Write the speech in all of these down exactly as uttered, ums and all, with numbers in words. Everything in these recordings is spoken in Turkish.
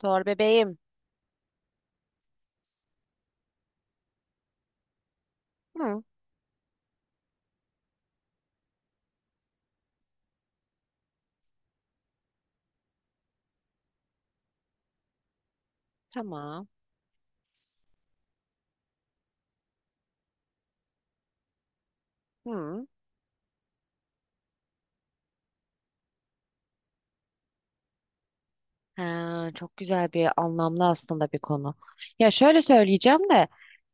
Sor bebeğim. Hı, tamam. Hı. Ha, çok güzel bir anlamlı aslında bir konu. Ya şöyle söyleyeceğim de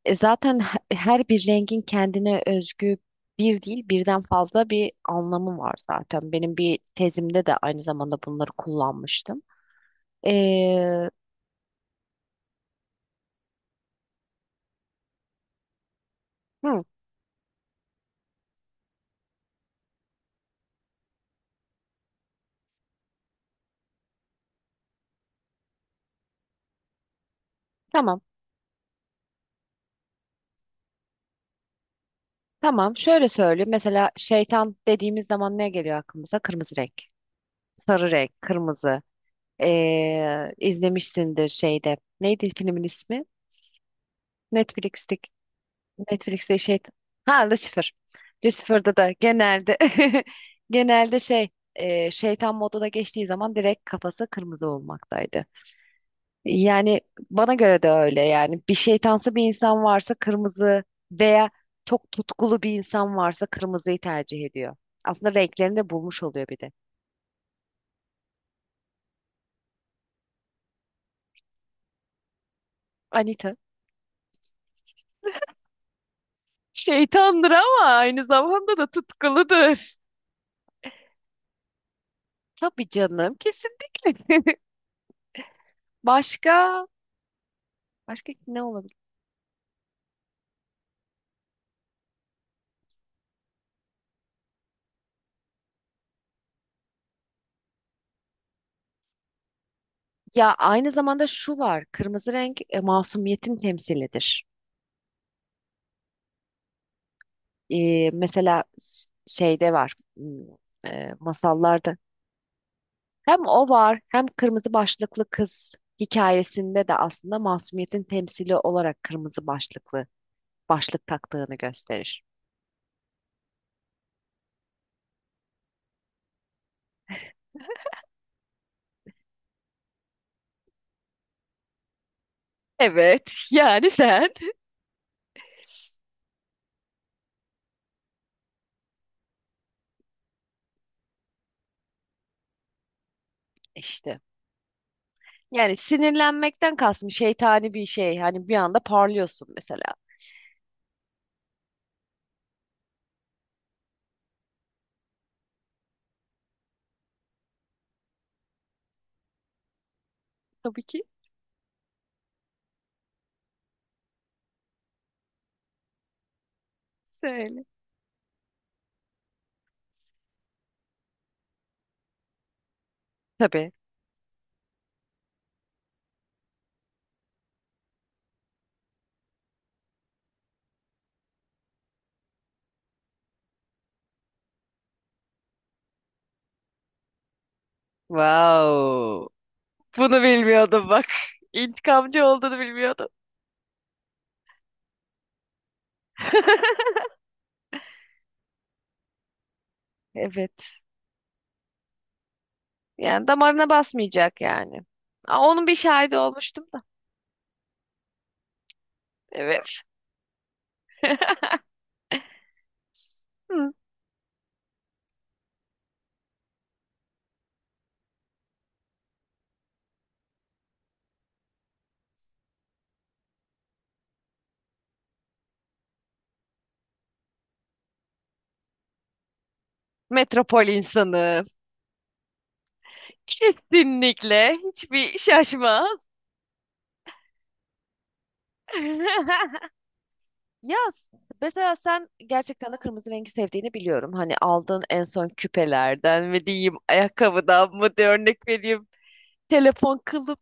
e, zaten he- her bir rengin kendine özgü bir değil birden fazla bir anlamı var zaten. Benim bir tezimde de aynı zamanda bunları kullanmıştım. Ee, hı, tamam. Tamam. Şöyle söyleyeyim. Mesela şeytan dediğimiz zaman ne geliyor aklımıza? Kırmızı renk. Sarı renk, kırmızı. Ee, izlemişsindir şeyde. Neydi filmin ismi? Netflix'te Netflix'te şey, ha, Lucifer. Lucifer'da da genelde genelde şey, e, şeytan moduna geçtiği zaman direkt kafası kırmızı olmaktaydı. Yani bana göre de öyle yani bir şeytansı bir insan varsa kırmızı veya çok tutkulu bir insan varsa kırmızıyı tercih ediyor. Aslında renklerini de bulmuş oluyor bir de. Anita. Şeytandır ama aynı zamanda da tutkuludur. Tabii canım kesinlikle. Başka başka ne olabilir? Ya aynı zamanda şu var. Kırmızı renk, e, masumiyetin temsilidir. E, mesela s- şeyde var. m, e, masallarda. Hem o var hem kırmızı başlıklı kız hikayesinde de aslında masumiyetin temsili olarak kırmızı başlıklı başlık taktığını gösterir. Evet, yani sen. İşte. Yani sinirlenmekten kastım şeytani bir şey. Hani bir anda parlıyorsun mesela. Tabii ki. Söyle. Tabii. Wow. Bunu bilmiyordum bak. İntikamcı olduğunu bilmiyordum. Evet. Yani damarına basmayacak yani. Aa, onun bir şahidi olmuştum da. Evet. Hı. Metropol insanı. Kesinlikle. Hiçbir şaşma. Ya mesela sen gerçekten de kırmızı rengi sevdiğini biliyorum. Hani aldığın en son küpelerden mi diyeyim, ayakkabıdan mı diye örnek vereyim. Telefon kılıf.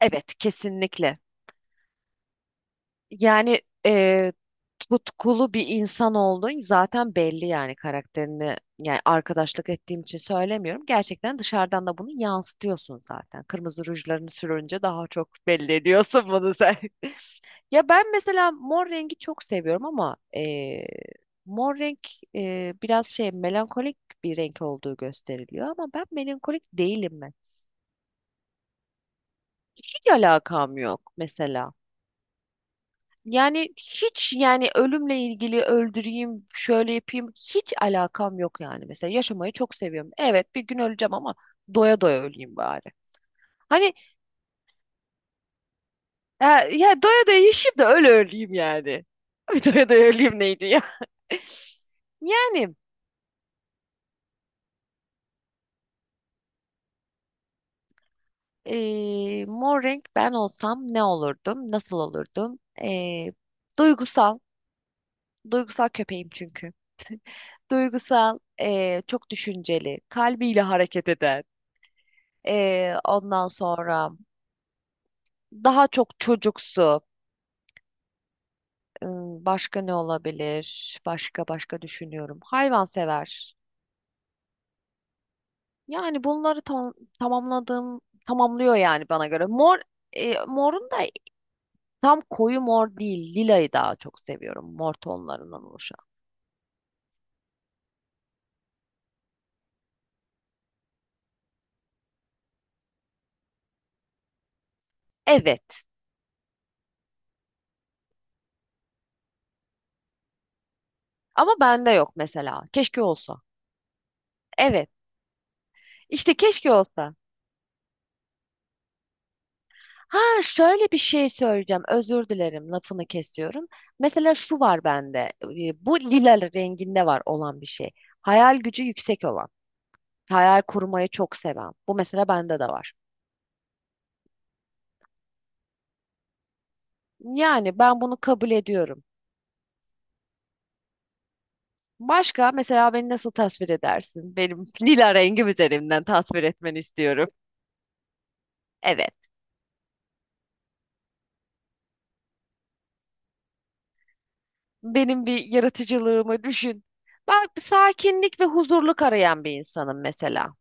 Evet, kesinlikle. Yani eee, tutkulu bir insan olduğun zaten belli yani karakterini yani arkadaşlık ettiğim için söylemiyorum. Gerçekten dışarıdan da bunu yansıtıyorsun zaten. Kırmızı rujlarını sürünce daha çok belli ediyorsun bunu sen. Ya ben mesela mor rengi çok seviyorum ama eee, mor renk eee, biraz şey melankolik bir renk olduğu gösteriliyor ama ben melankolik değilim ben. Hiç alakam yok mesela. Yani hiç yani ölümle ilgili öldüreyim, şöyle yapayım hiç alakam yok yani. Mesela yaşamayı çok seviyorum. Evet bir gün öleceğim ama doya doya öleyim bari. Hani e, ya doya doya yaşayayım da öyle öleyim yani. Doya doya öleyim neydi ya? Yani e, mor renk ben olsam ne olurdum? Nasıl olurdum? E, duygusal. Duygusal köpeğim çünkü. Duygusal, e, çok düşünceli, kalbiyle hareket eden. Ee, ondan sonra daha çok çocuksu. Im, Başka ne olabilir? Başka başka düşünüyorum. Hayvansever. Yani bunları tam, tamamladığım tamamlıyor yani bana göre. Mor, e, morun da tam koyu mor değil. Lilayı daha çok seviyorum. Mor tonlarından oluşan. Evet. Ama bende yok mesela. Keşke olsa. Evet. İşte keşke olsa. Ha şöyle bir şey söyleyeceğim. Özür dilerim lafını kesiyorum. Mesela şu var bende. e, Bu lila renginde var olan bir şey. Hayal gücü yüksek olan. Hayal kurmayı çok seven. Bu mesela bende de var. Yani ben bunu kabul ediyorum. Başka mesela beni nasıl tasvir edersin? Benim lila rengim üzerinden tasvir etmeni istiyorum. Evet. Benim bir yaratıcılığımı düşün. Ben sakinlik ve huzurluk arayan bir insanım mesela.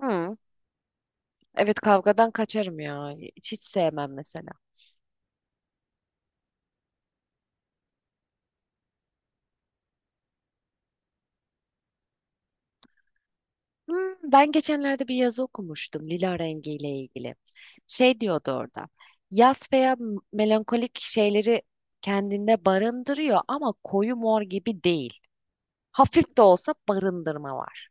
Hı. Evet kavgadan kaçarım ya. Hiç sevmem mesela. Hmm, ben geçenlerde bir yazı okumuştum lila rengiyle ilgili. Şey diyordu orada. Yas veya m- melankolik şeyleri kendinde barındırıyor ama koyu mor gibi değil. Hafif de olsa barındırma var.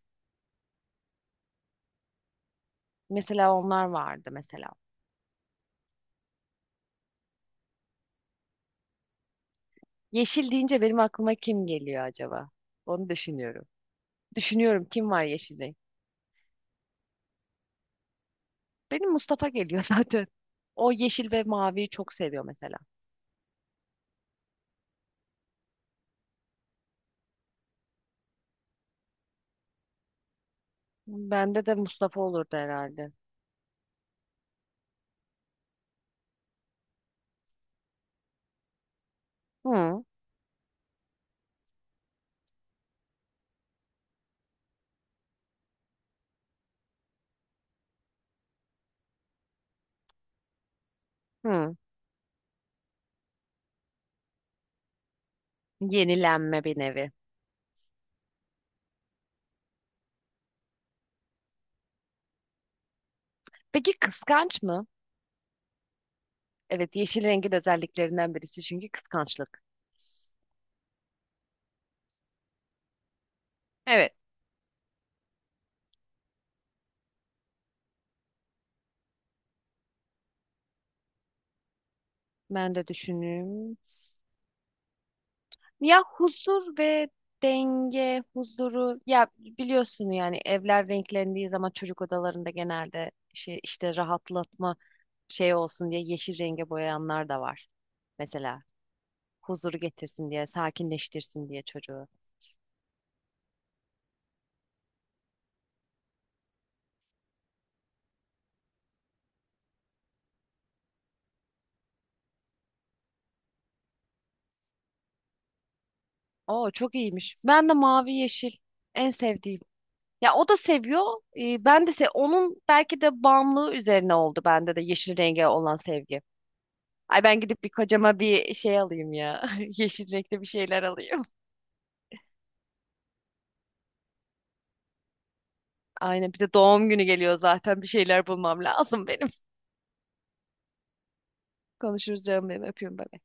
Mesela onlar vardı mesela. Yeşil deyince benim aklıma kim geliyor acaba? Onu düşünüyorum. Düşünüyorum kim var yeşilde? Benim Mustafa geliyor zaten. O yeşil ve maviyi çok seviyor mesela. Bende de Mustafa olurdu herhalde. Hı, hı. Yenilenme bir nevi. Peki kıskanç mı? Evet, yeşil rengin özelliklerinden birisi çünkü kıskançlık. Evet. Ben de düşünüyorum. Ya huzur ve denge, huzuru. Ya biliyorsun yani evler renklendiği zaman çocuk odalarında genelde şey işte rahatlatma şey olsun diye yeşil renge boyayanlar da var. Mesela huzuru getirsin diye, sakinleştirsin diye çocuğu. Oo çok iyiymiş. Ben de mavi yeşil en sevdiğim. Ya o da seviyor. E, ben de se onun belki de bağımlılığı üzerine oldu bende de yeşil renge olan sevgi. Ay ben gidip bir kocama bir şey alayım ya. Yeşil renkte bir şeyler alayım. Aynen bir de doğum günü geliyor zaten bir şeyler bulmam lazım benim. Konuşuruz canım benim öpüyorum ben.